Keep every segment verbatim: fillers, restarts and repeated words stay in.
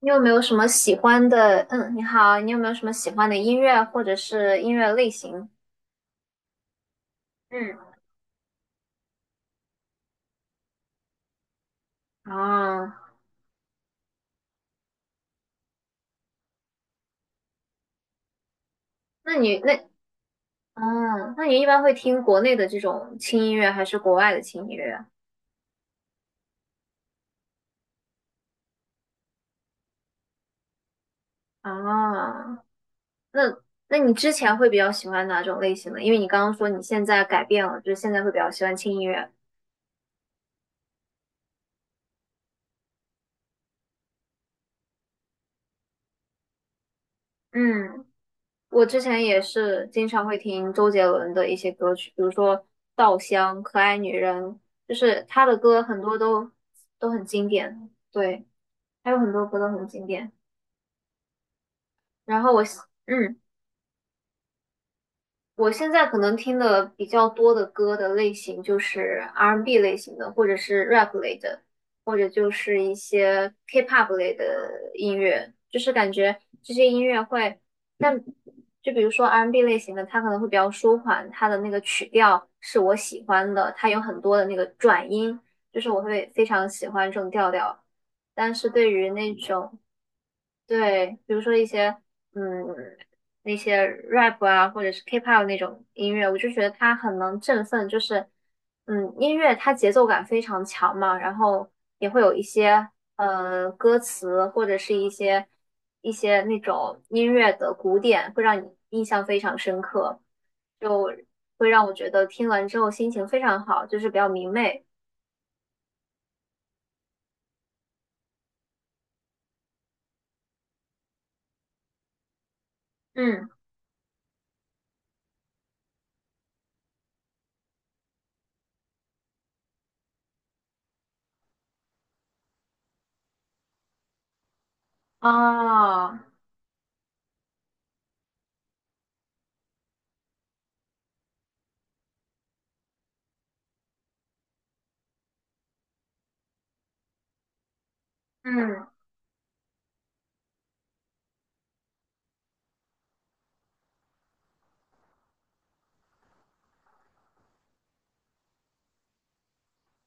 你有没有什么喜欢的？嗯，你好，你有没有什么喜欢的音乐或者是音乐类型？嗯，哦，那你那哦，那你一般会听国内的这种轻音乐还是国外的轻音乐啊？哦，那那你之前会比较喜欢哪种类型的？因为你刚刚说你现在改变了，就是现在会比较喜欢轻音乐。嗯我之前也是经常会听周杰伦的一些歌曲，比如说《稻香》《可爱女人》，就是他的歌很多都都很经典，对，还有很多歌都很经典。然后我，嗯，我现在可能听的比较多的歌的类型就是 R and B n 类型的，或者是 rap 类的，或者就是一些 K-pop 类的音乐，就是感觉这些音乐会，但就比如说 R and B n 类型的，它可能会比较舒缓，它的那个曲调是我喜欢的，它有很多的那个转音，就是我会非常喜欢这种调调。但是对于那种对，比如说一些嗯那些 rap 啊，或者是 K-pop 那种音乐，我就觉得它很能振奋，就是嗯音乐它节奏感非常强嘛，然后也会有一些呃歌词或者是一些一些那种音乐的古典，会让你印象非常深刻，就会让我觉得听完之后心情非常好，就是比较明媚。嗯，啊，嗯。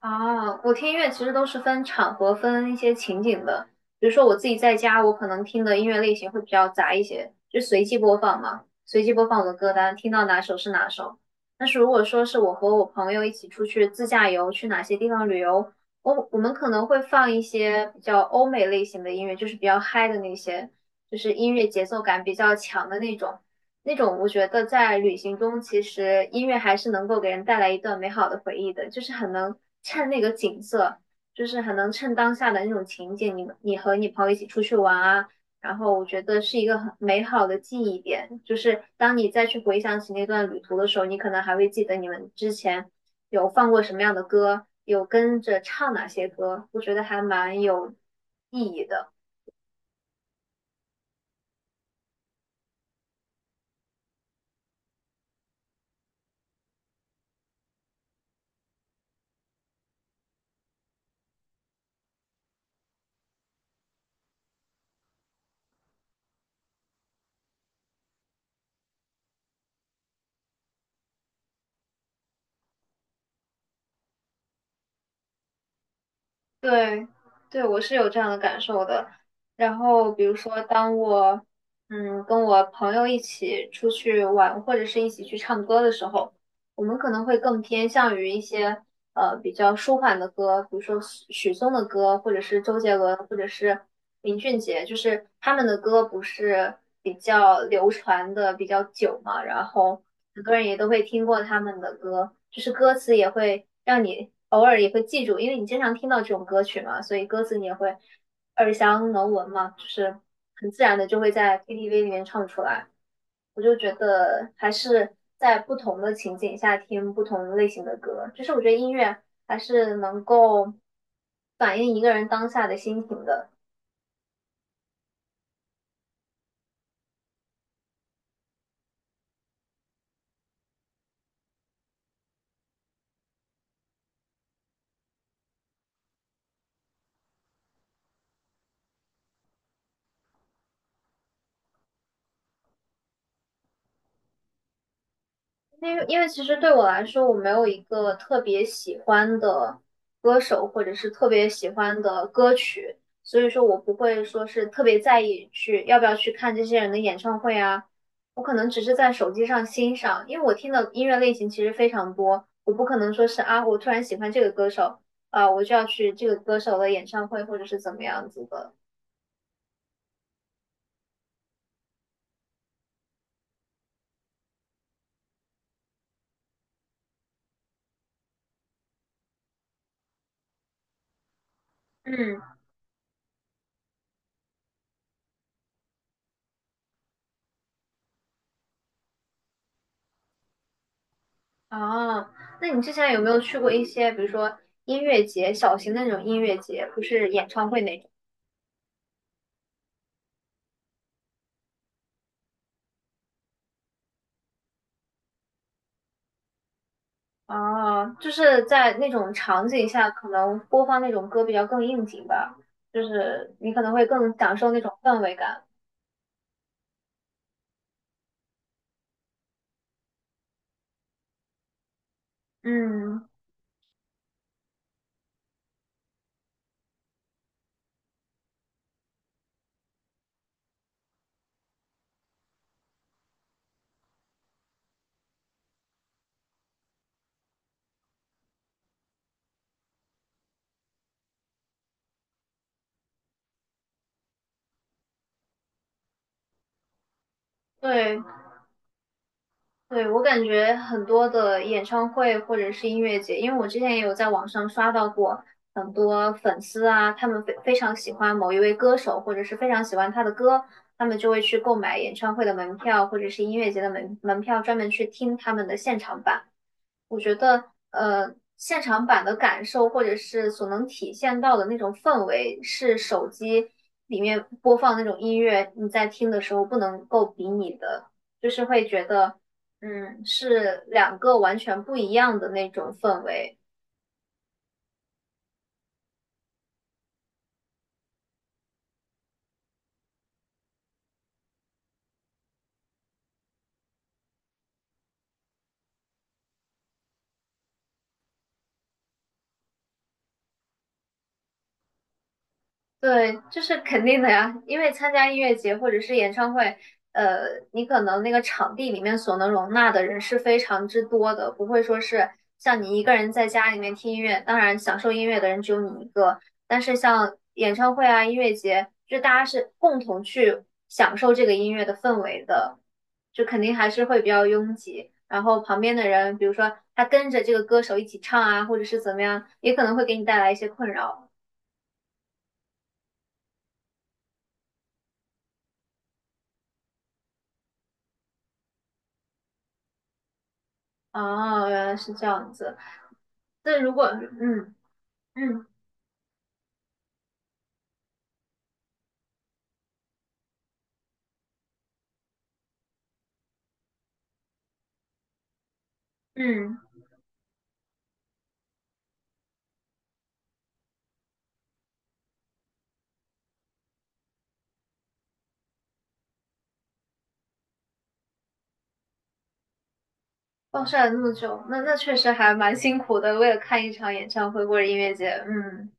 啊，我听音乐其实都是分场合、分一些情景的。比如说我自己在家，我可能听的音乐类型会比较杂一些，就随机播放嘛，随机播放我的歌单，听到哪首是哪首。但是如果说是我和我朋友一起出去自驾游，去哪些地方旅游，我我们可能会放一些比较欧美类型的音乐，就是比较嗨的那些，就是音乐节奏感比较强的那种。那种我觉得在旅行中，其实音乐还是能够给人带来一段美好的回忆的，就是很能衬那个景色，就是很能衬当下的那种情景。你们你和你朋友一起出去玩啊，然后我觉得是一个很美好的记忆点。就是当你再去回想起那段旅途的时候，你可能还会记得你们之前有放过什么样的歌，有跟着唱哪些歌，我觉得还蛮有意义的。对，对，我是有这样的感受的。然后，比如说，当我嗯跟我朋友一起出去玩，或者是一起去唱歌的时候，我们可能会更偏向于一些呃比较舒缓的歌，比如说许许嵩的歌，或者是周杰伦，或者是林俊杰，就是他们的歌不是比较流传的比较久嘛，然后很多人也都会听过他们的歌，就是歌词也会让你偶尔也会记住，因为你经常听到这种歌曲嘛，所以歌词你也会耳详能闻嘛，就是很自然的就会在 K T V 里面唱出来。我就觉得还是在不同的情景下听不同类型的歌，就是我觉得音乐还是能够反映一个人当下的心情的。因为因为其实对我来说，我没有一个特别喜欢的歌手或者是特别喜欢的歌曲，所以说我不会说是特别在意去要不要去看这些人的演唱会啊。我可能只是在手机上欣赏，因为我听的音乐类型其实非常多，我不可能说是啊，我突然喜欢这个歌手啊，我就要去这个歌手的演唱会或者是怎么样子的。嗯，啊，那你之前有没有去过一些，比如说音乐节，小型的那种音乐节，不是演唱会那种？啊，就是在那种场景下，可能播放那种歌比较更应景吧，就是你可能会更享受那种氛围感。嗯，对，对，我感觉很多的演唱会或者是音乐节，因为我之前也有在网上刷到过很多粉丝啊，他们非非常喜欢某一位歌手，或者是非常喜欢他的歌，他们就会去购买演唱会的门票或者是音乐节的门门票，专门去听他们的现场版。我觉得，呃，现场版的感受或者是所能体现到的那种氛围，是手机里面播放那种音乐，你在听的时候不能够比拟的，就是会觉得，嗯，是两个完全不一样的那种氛围。对，这是肯定的呀，因为参加音乐节或者是演唱会，呃，你可能那个场地里面所能容纳的人是非常之多的，不会说是像你一个人在家里面听音乐，当然享受音乐的人只有你一个，但是像演唱会啊、音乐节，就大家是共同去享受这个音乐的氛围的，就肯定还是会比较拥挤，然后旁边的人，比如说他跟着这个歌手一起唱啊，或者是怎么样，也可能会给你带来一些困扰。哦，原来是这样子。那如果嗯嗯嗯暴晒了那么久，那那确实还蛮辛苦的，为了看一场演唱会或者音乐节，嗯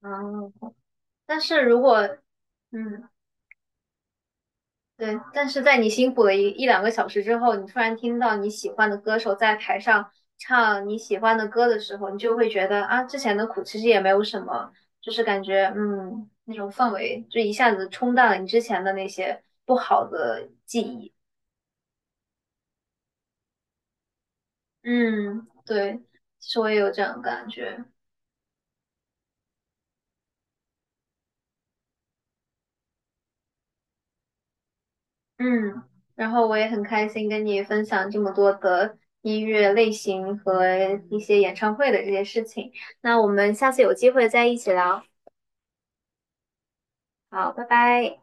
啊。但是如果嗯对，但是在你辛苦了一一两个小时之后，你突然听到你喜欢的歌手在台上唱你喜欢的歌的时候，你就会觉得啊，之前的苦其实也没有什么，就是感觉嗯那种氛围就一下子冲淡了你之前的那些不好的记忆。嗯，对，其实我也有这样的感觉。嗯，然后我也很开心跟你分享这么多的音乐类型和一些演唱会的这些事情。那我们下次有机会再一起聊。好，拜拜。